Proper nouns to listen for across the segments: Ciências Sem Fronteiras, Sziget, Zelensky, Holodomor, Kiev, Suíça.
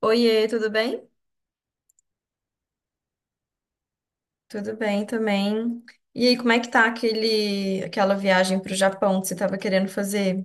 Oiê, tudo bem? Tudo bem também. E aí, como é que tá aquela viagem para o Japão que você estava querendo fazer?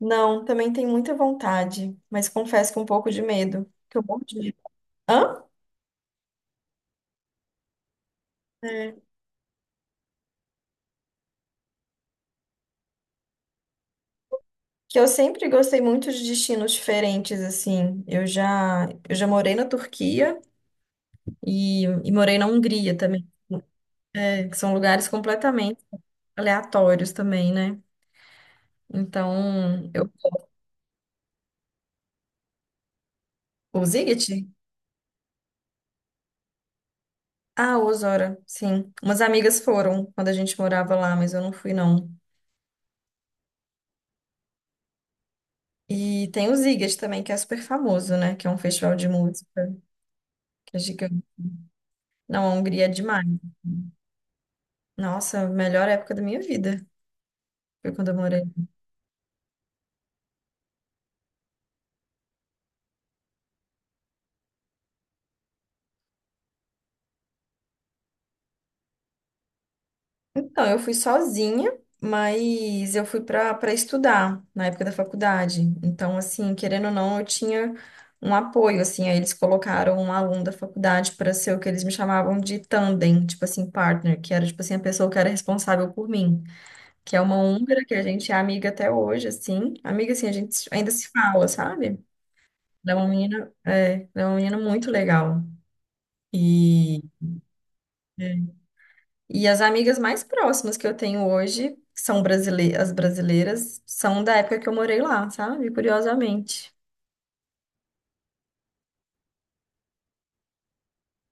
Não, também tenho muita vontade, mas confesso que um pouco de medo. Que eu morro de medo. Hã? É. Que eu sempre gostei muito de destinos diferentes, assim. Eu já morei na Turquia e morei na Hungria também, né? Que são lugares completamente aleatórios também, né? Então, eu... O Ziget? Ah, Osora, sim. Umas amigas foram quando a gente morava lá, mas eu não fui, não. E tem o Sziget também, que é super famoso, né? Que é um festival de música, que é gigante. Não, a Hungria é demais. Nossa, a melhor época da minha vida foi quando eu morei. Então, eu fui sozinha, mas eu fui para estudar na época da faculdade. Então, assim, querendo ou não, eu tinha um apoio, assim. Aí eles colocaram um aluno da faculdade para ser o que eles me chamavam de tandem, tipo assim, partner, que era, tipo assim, a pessoa que era responsável por mim. Que é uma húngara que a gente é amiga até hoje, assim. Amiga, assim, a gente ainda se fala, sabe? Ela é uma menina, é, ela é uma menina muito legal. E, É. E as amigas mais próximas que eu tenho hoje são brasileiras, as brasileiras são da época que eu morei lá, sabe? Curiosamente.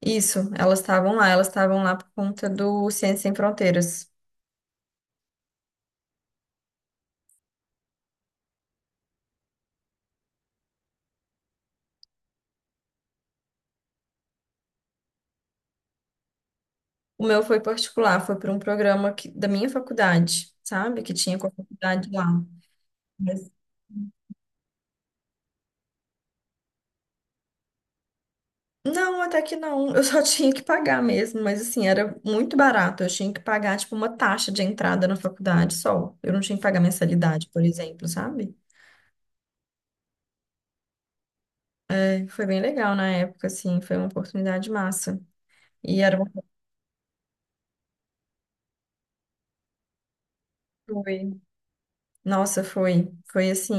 Isso, elas estavam lá por conta do Ciências Sem Fronteiras. O meu foi particular, foi por um programa que- da minha faculdade, sabe? Que tinha com a faculdade lá. Não, até que não. Eu só tinha que pagar mesmo, mas assim, era muito barato. Eu tinha que pagar, tipo, uma taxa de entrada na faculdade só. Eu não tinha que pagar mensalidade, por exemplo, sabe? É, foi bem legal na época, assim, foi uma oportunidade massa. E era uma... Foi. Nossa, foi. Foi assim,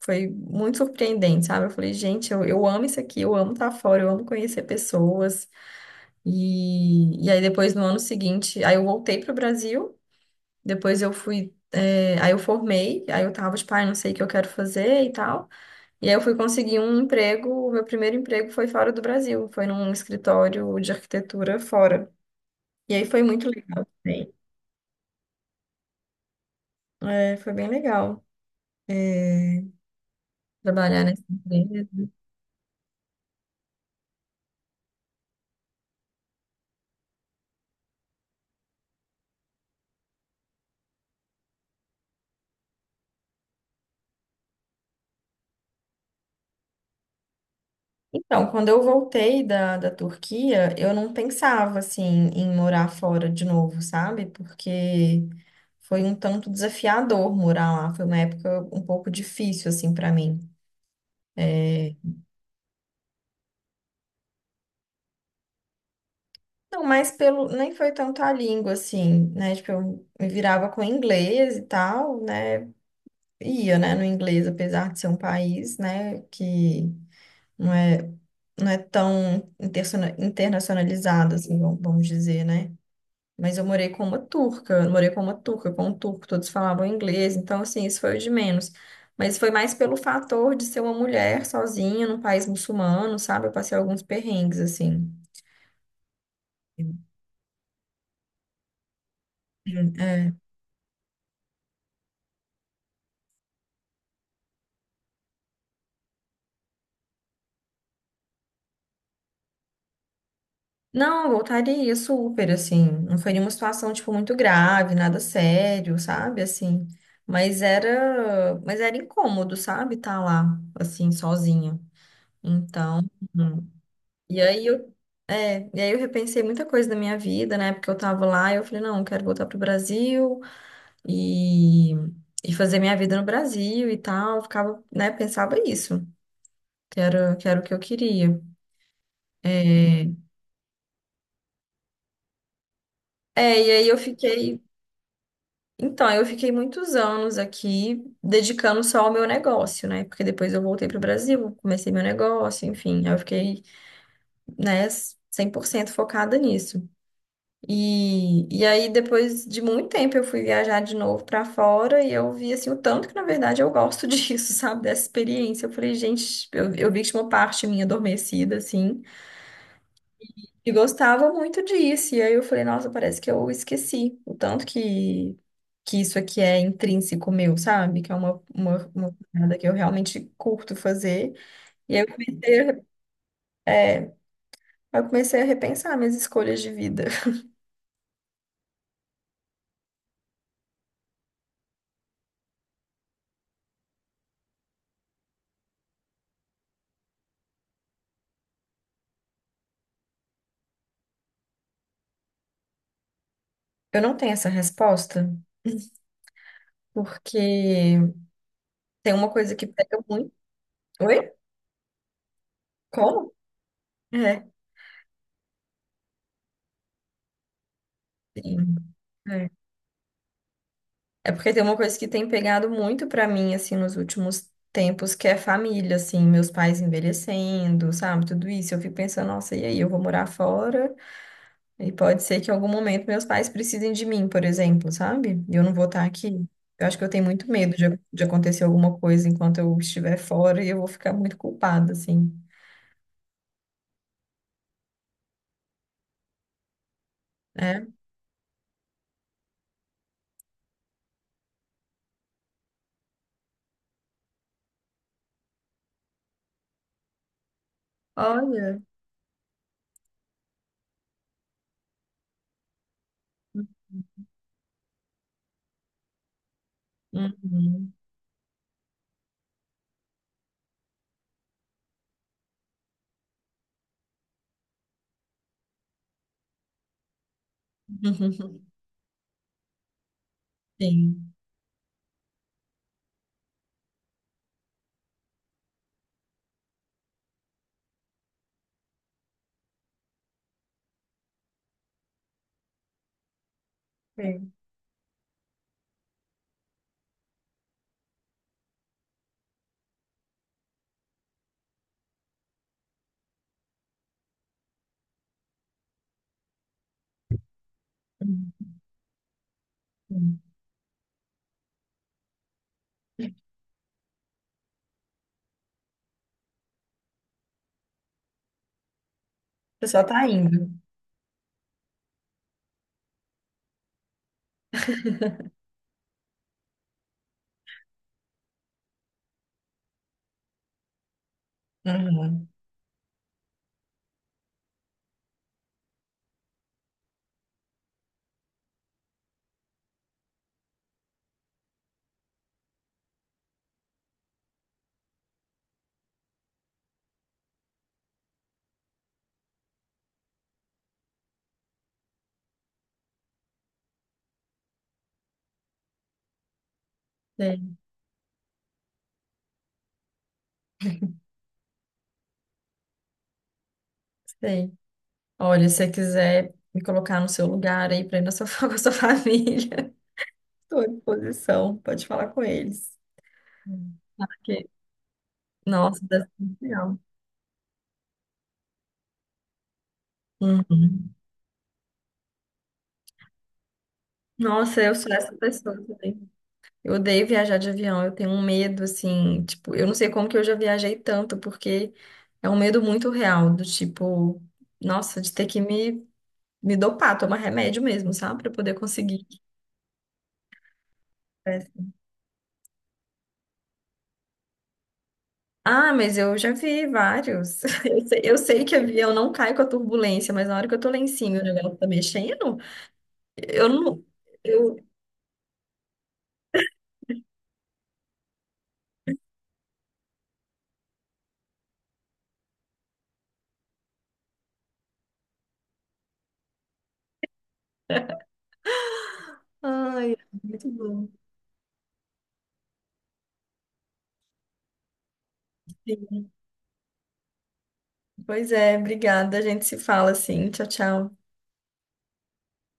foi muito surpreendente, sabe? Eu falei, gente, eu amo isso aqui, eu amo estar fora, eu amo conhecer pessoas. E aí depois, no ano seguinte, aí eu voltei para o Brasil. Depois eu fui. É, aí eu formei, aí eu tava, tipo, ai, não sei o que eu quero fazer e tal. E aí eu fui conseguir um emprego. O meu primeiro emprego foi fora do Brasil, foi num escritório de arquitetura fora. E aí foi muito legal também. É, foi bem legal. É, trabalhar nessa empresa. Então, quando eu voltei da Turquia, eu não pensava, assim, em morar fora de novo, sabe? Porque foi um tanto desafiador morar lá. Foi uma época um pouco difícil, assim, para mim. É, não, mas pelo, nem foi tanto a língua, assim, né? Tipo, eu me virava com inglês e tal, né? Ia, né, no inglês, apesar de ser um país, né, que não é, não é tão internacionalizado, assim, vamos dizer, né? Mas eu morei com uma turca, com um turco, todos falavam inglês, então, assim, isso foi o de menos. Mas foi mais pelo fator de ser uma mulher sozinha num país muçulmano, sabe? Eu passei alguns perrengues, assim. É. Não, eu voltaria super, assim. Não foi nenhuma situação, tipo, muito grave, nada sério, sabe? Assim. Mas era incômodo, sabe? Tá lá, assim, sozinha. Então, hum. e aí eu, é, e aí eu repensei muita coisa da minha vida, né? Porque eu tava lá e eu falei, não, eu quero voltar pro Brasil e, e fazer minha vida no Brasil e tal. Eu ficava, né? Pensava isso, que era o que eu queria. É, é, e aí eu fiquei. Então, eu fiquei muitos anos aqui dedicando só ao meu negócio, né? Porque depois eu voltei para o Brasil, comecei meu negócio, enfim, aí eu fiquei, né, 100% focada nisso. E aí, depois de muito tempo, eu fui viajar de novo para fora e eu vi, assim, o tanto que, na verdade, eu gosto disso, sabe? Dessa experiência. Eu falei, gente, eu vi que tinha uma parte minha adormecida, assim. E gostava muito disso. E aí eu falei, nossa, parece que eu esqueci o tanto que isso aqui é intrínseco meu, sabe? Que é uma parada que eu realmente curto fazer. E aí eu comecei a repensar minhas escolhas de vida. Eu não tenho essa resposta, porque tem uma coisa que pega muito. Oi? Como? É, sim. É. É porque tem uma coisa que tem pegado muito pra mim, assim, nos últimos tempos, que é família, assim, meus pais envelhecendo, sabe, tudo isso. Eu fico pensando, nossa, e aí, eu vou morar fora? E pode ser que em algum momento meus pais precisem de mim, por exemplo, sabe? E eu não vou estar aqui. Eu acho que eu tenho muito medo de acontecer alguma coisa enquanto eu estiver fora e eu vou ficar muito culpada, assim, né? Olha. Uhum. Sim. Sim. Sim. Você só tá indo. Uhum. Sei, sei. Olha, se você quiser me colocar no seu lugar aí para ir na sua, com a sua família, estou à disposição. Pode falar com eles. Porque, nossa, deve ser legal. Uhum. Nossa, eu sou essa pessoa também. Eu odeio viajar de avião. Eu tenho um medo, assim, tipo, eu não sei como que eu já viajei tanto, porque é um medo muito real, do tipo, nossa, de ter que me dopar, tomar remédio mesmo, sabe? Para poder conseguir. Né? Ah, mas eu já vi vários. Eu sei que avião não cai com a turbulência, mas na hora que eu tô lá em cima e o negócio tá mexendo, eu não. Eu... Ah, muito bom. Sim. Pois é, obrigada. A gente se fala assim. Tchau, tchau.